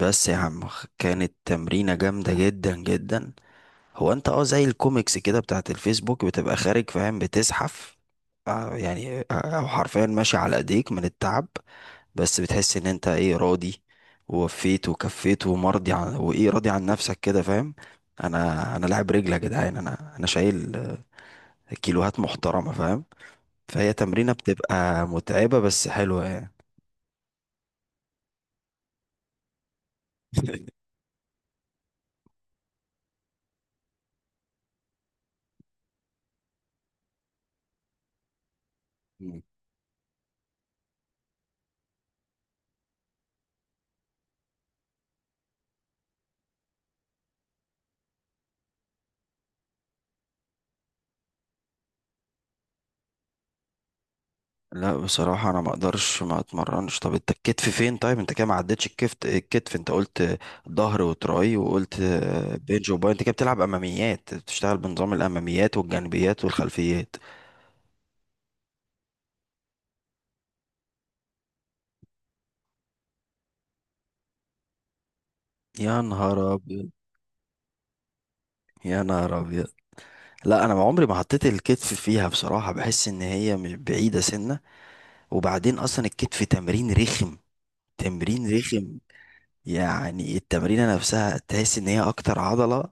بس يا عم، كانت تمرينة جامدة جدا جدا. هو انت زي الكوميكس كده بتاعت الفيسبوك بتبقى خارج، فاهم؟ بتزحف، آه يعني آه، او حرفيا ماشي على ايديك من التعب. بس بتحس ان انت، ايه، راضي ووفيت وكفيت ومرضي عن، وايه راضي عن نفسك كده، فاهم؟ انا لاعب رجل يا جدعان، انا شايل كيلوهات محترمة، فاهم؟ فهي تمرينة بتبقى متعبة بس حلوة يعني. لا، بصراحة أنا ما أقدرش ما أتمرنش. طب أنت الكتف فين؟ طيب أنت كده ما عدتش الكتف، أنت قلت ظهر وتراي وقلت بنج وباي. أنت كده بتلعب أماميات، بتشتغل بنظام الأماميات والجانبيات والخلفيات. يا نهار أبيض. يا نهار أبيض. لا، أنا ما عمري ما حطيت الكتف فيها بصراحة، بحس إن هي مش بعيدة سنة. وبعدين أصلا الكتف تمرين رخم. تمرين رخم. يعني التمرينة نفسها تحس ان هي اكتر عضلة.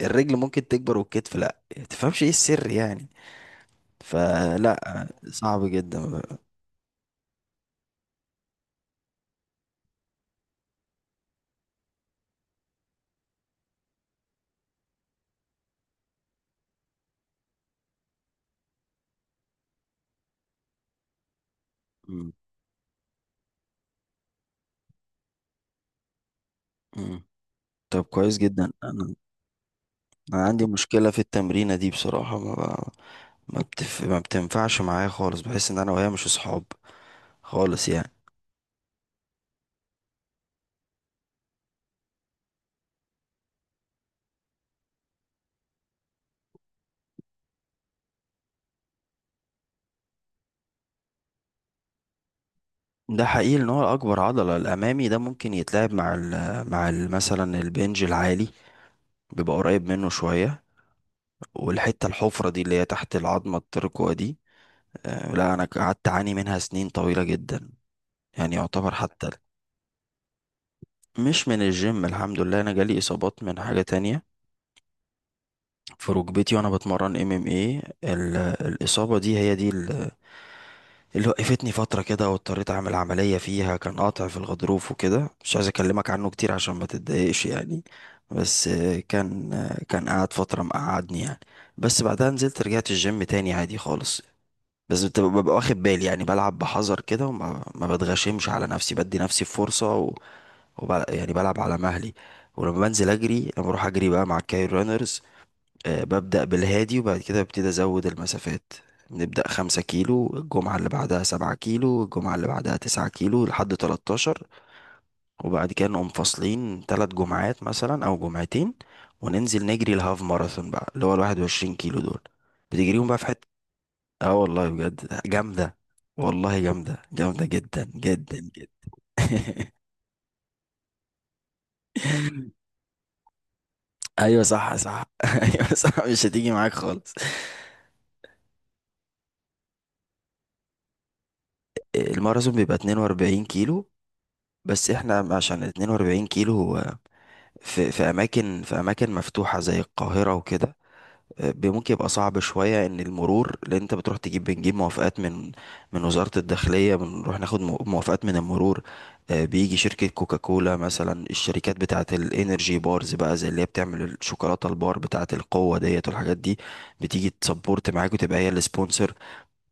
الرجل ممكن تكبر والكتف لا، تفهمش ايه السر يعني. فلا، صعب جدا بقى. مم. مم. طب كويس جدا. انا انا عندي مشكلة في التمرينة دي بصراحة، ما ب... ما بتف... ما بتنفعش معايا خالص، بحس ان انا وهي مش اصحاب خالص يعني. ده حقيقي ان هو اكبر عضلة. الامامي ده ممكن يتلعب مع مثلا البنج العالي، بيبقى قريب منه شوية. الحفرة دي اللي هي تحت العظمة الترقوة دي. لا، انا قعدت اعاني منها سنين طويلة جدا، يعني يعتبر حتى. مش من الجيم، الحمد لله، انا جالي اصابات من حاجة تانية في ركبتي وانا بتمرن. ام ام ايه الاصابة دي، هي دي اللي وقفتني فترة كده واضطريت اعمل عملية فيها، كان قاطع في الغضروف وكده. مش عايز اكلمك عنه كتير عشان ما تتضايقش يعني. بس كان قعد فترة مقعدني يعني. بس بعدها نزلت، رجعت الجيم تاني عادي خالص. بس ببقى واخد بالي يعني، بلعب بحذر كده وما ما بتغشمش على نفسي، بدي نفسي فرصة يعني بلعب على مهلي. ولما بنزل اجري لما بروح اجري بقى مع الكاير رانرز، آه، ببدأ بالهادي وبعد كده ببتدي ازود المسافات. نبدأ 5 كيلو، الجمعة اللي بعدها 7 كيلو، الجمعة اللي بعدها 9 كيلو لحد 13. وبعد كده نقوم فاصلين 3 جمعات مثلا أو جمعتين، وننزل نجري الهاف ماراثون بقى، اللي هو 21 كيلو دول، بتجريهم بقى في... اه والله بجد جامدة. والله جامدة، جامدة جدا جدا جدا. ايوه صح صح. ايوه صح، مش هتيجي معاك خالص. الماراثون بيبقى 42 كيلو. بس احنا عشان 42 كيلو هو في اماكن مفتوحة زي القاهرة وكده، آه، ممكن يبقى صعب شوية، ان المرور، لان انت بتروح بنجيب موافقات من وزارة الداخلية، بنروح ناخد موافقات من المرور. آه، بيجي شركة كوكاكولا مثلا، الشركات بتاعة الانرجي بارز بقى، زي اللي هي بتعمل الشوكولاتة البار بتاعة القوة، ديت والحاجات دي. بتيجي تسبورت معاك وتبقى هي السبونسر.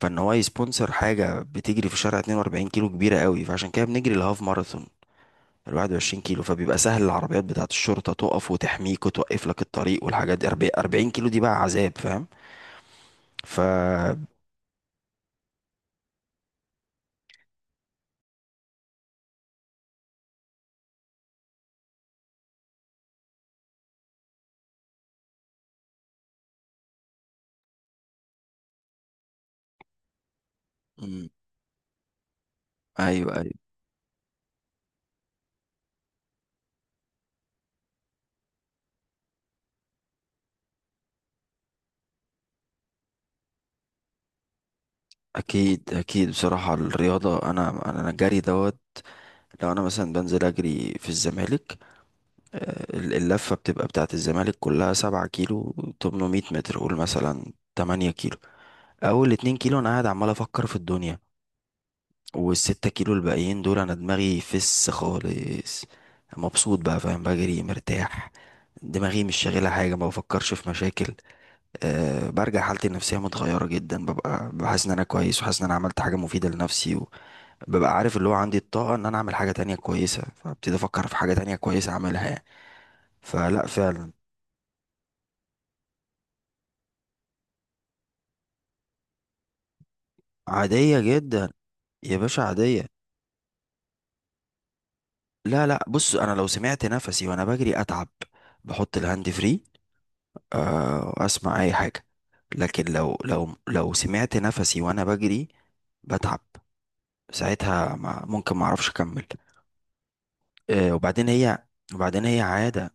فان هو يسبونسر حاجة بتجري في شارع 42 كيلو كبيرة قوي، فعشان كده بنجري الهاف ماراثون ال 21 كيلو، فبيبقى سهل. العربيات بتاعة الشرطة تقف وتحميك وتوقف لك الطريق والحاجات دي. 40 40 كيلو دي بقى عذاب، فاهم؟ ف... مم. ايوه ايوه. اكيد اكيد. بصراحه الرياضه، انا الجري دوت. لو انا مثلا بنزل اجري في الزمالك، آه، اللفه بتبقى بتاعه الزمالك كلها 7 كيلو 800 متر، قول مثلا 8 كيلو. اول 2 كيلو انا قاعد عمال افكر في الدنيا، والستة كيلو الباقيين دول انا دماغي فس خالص. مبسوط بقى، فاهم؟ بجري مرتاح، دماغي مش شاغله حاجه، ما بفكرش في مشاكل. أه، برجع حالتي النفسية متغيرة جدا، ببقى بحس ان انا كويس وحاسس ان انا عملت حاجة مفيدة لنفسي، وببقى عارف اللي هو عندي الطاقة ان انا اعمل حاجة تانية كويسة، فابتدي افكر في حاجة تانية كويسة اعملها يعني. فلا، فعلا. عادية جدا. يا باشا عادية. لا لا، بص، انا لو سمعت نفسي وانا بجري اتعب. بحط الهاند فري، أه، واسمع اي حاجة. لكن لو سمعت نفسي وانا بجري بتعب ساعتها، ما ممكن ما اعرفش اكمل. أه، وبعدين هي عادة.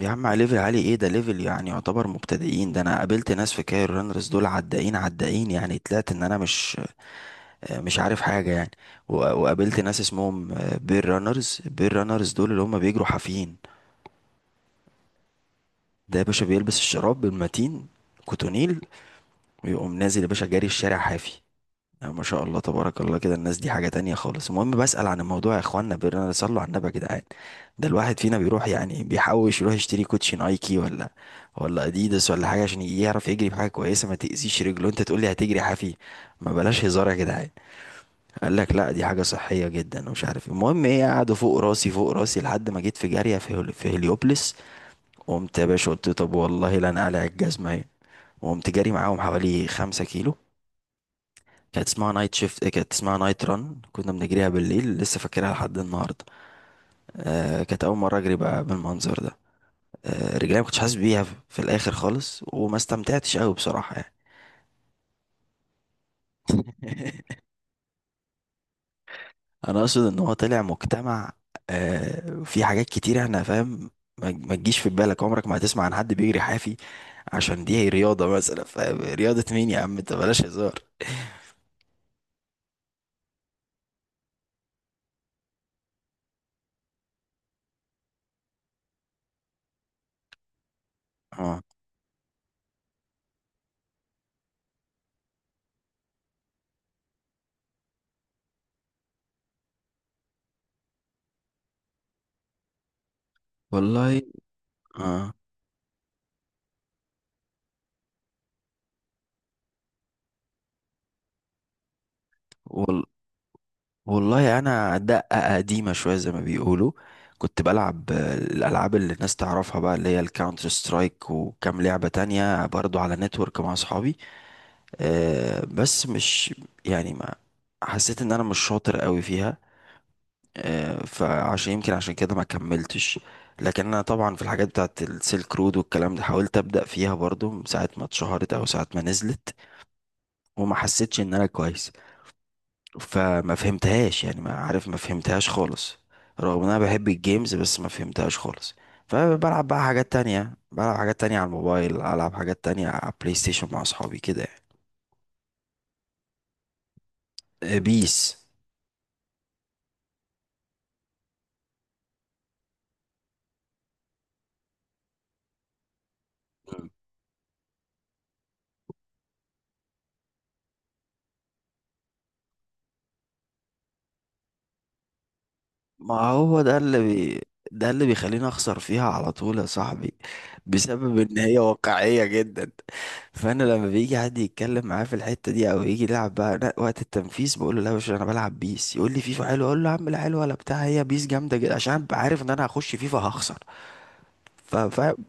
يا عم، على ليفل عالي ايه؟ ده ليفل يعني يعتبر مبتدئين. ده انا قابلت ناس في كاير رانرز، دول عدائين عدائين يعني، طلعت ان انا مش عارف حاجة يعني. و- وقابلت ناس اسمهم بير رانرز. بير رانرز دول اللي هم بيجروا حافيين. ده يا باشا بيلبس الشراب المتين، كوتونيل، ويقوم نازل يا باشا جاري الشارع حافي. لا، ما شاء الله تبارك الله كده، الناس دي حاجة تانية خالص. المهم بسأل عن الموضوع يا اخوانا، بيرنا، صلوا على النبي يا جدعان. ده الواحد فينا بيروح يعني بيحوش يروح يشتري كوتشي نايكي ولا اديداس ولا حاجة عشان يعرف يجري بحاجة كويسة ما تأذيش رجله، انت تقول لي هتجري حافي؟ ما بلاش هزار يا جدعان. قال لك لا، دي حاجة صحية جدا ومش عارف إيه. المهم، ايه، قعدوا فوق راسي فوق راسي لحد ما جيت في جارية في في هليوبلس. قمت يا باشا قلت طب والله لا، انا قلع الجزمة اهي، وقمت جاري معاهم حوالي 5 كيلو. كانت اسمها نايت شيفت، كانت اسمها نايت ران، كنا بنجريها بالليل، لسه فاكرها لحد النهارده. آه، كانت اول مره اجري بقى بالمنظر ده. آه، رجلي ما كنتش حاسس بيها في الاخر خالص، وما استمتعتش قوي بصراحه يعني. انا اقصد ان هو طلع مجتمع. آه، في حاجات كتير احنا، فاهم؟ ما تجيش في بالك عمرك ما هتسمع عن حد بيجري حافي عشان دي رياضه مثلا، فاهم؟ رياضه مين يا عم انت، بلاش هزار. اه والله. اه والله. والله انا دقة قديمة شوية زي ما بيقولوا. كنت بلعب، آه، الالعاب اللي الناس تعرفها بقى، اللي هي الكاونتر سترايك وكام لعبة تانية برضو على نتورك مع اصحابي. آه، بس مش، يعني ما حسيت ان انا مش شاطر قوي فيها، آه، فعشان يمكن كده ما كملتش. لكن انا طبعا في الحاجات بتاعت السيلك رود والكلام ده، حاولت ابدا فيها برضو من ساعة ما اتشهرت او ساعة ما نزلت، وما حسيتش ان انا كويس، فما فهمتهاش يعني. ما عارف، ما فهمتهاش خالص، رغم ان انا بحب الجيمز بس ما فهمتهاش خالص. فبلعب بقى حاجات تانية، بلعب حاجات تانية على الموبايل، العب حاجات تانية على بلاي ستيشن مع اصحابي كده يعني. آه، بيس. ما هو ده اللي بيخليني اخسر فيها على طول يا صاحبي، بسبب ان هي واقعية جدا. فانا لما بيجي حد يتكلم معايا في الحتة دي او يجي يلعب بقى، لا، وقت التنفيذ بقول له لا يا باشا انا بلعب بيس. يقول لي فيفا حلوه، اقول له يا عم لا حلوه ولا بتاع، هي بيس جامدة جدا عشان أبقى عارف ان انا هخش فيفا هخسر. فاهم؟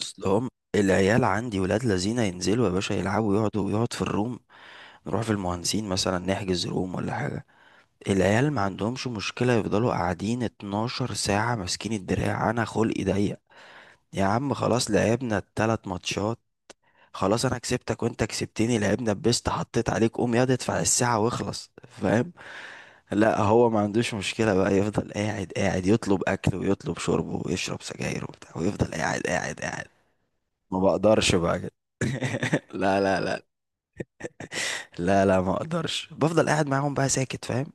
اصل هم، العيال عندي ولاد لذينه، ينزلوا يا باشا يلعبوا، يقعد في الروم، نروح في المهندسين مثلا نحجز روم ولا حاجة. العيال ما عندهمش مشكلة يفضلوا قاعدين 12 ساعة ماسكين الدراع. أنا خلقي ضيق، يا عم خلاص، لعبنا التلات ماتشات. خلاص أنا كسبتك وأنت كسبتني، لعبنا بيست، حطيت عليك، قوم ياض ادفع الساعة واخلص، فاهم؟ لا، هو ما عندوش مشكلة بقى، يفضل قاعد قاعد يطلب أكل ويطلب شرب ويشرب سجاير وبتاع، ويفضل قاعد قاعد قاعد. ما بقدرش بقى كده. لا لا لا. لا لا، ما اقدرش بفضل قاعد معاهم بقى ساكت، فاهم؟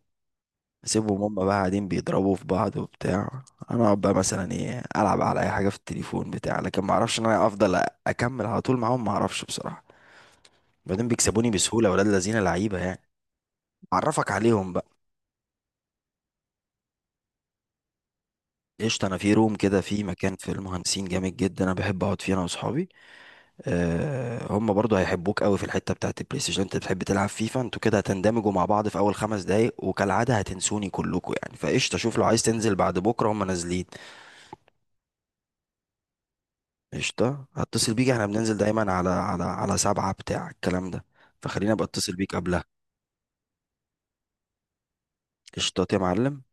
اسيبهم هما بقى قاعدين بيضربوا في بعض وبتاع، انا اقعد بقى مثلا، ايه، العب على اي حاجه في التليفون بتاع، لكن ما اعرفش ان انا افضل اكمل على طول معاهم، ما اعرفش بصراحه. بعدين بيكسبوني بسهوله ولاد الذين، لعيبه يعني. اعرفك عليهم بقى. قشطه، انا في روم كده في مكان في المهندسين جامد جدا انا بحب اقعد فيه انا واصحابي. أه، هم برضو هيحبوك قوي في الحته بتاعت البلاي ستيشن، انت بتحب تلعب فيفا، انتوا كده هتندمجوا مع بعض في اول 5 دقايق وكالعاده هتنسوني كلكم يعني. فقشطه شوف، لو عايز تنزل بعد بكره هم نازلين. قشطة، هتصل بيك، احنا بننزل دايما على سبعة بتاع الكلام ده، فخليني ابقى اتصل بيك قبلها. قشطات يا معلم.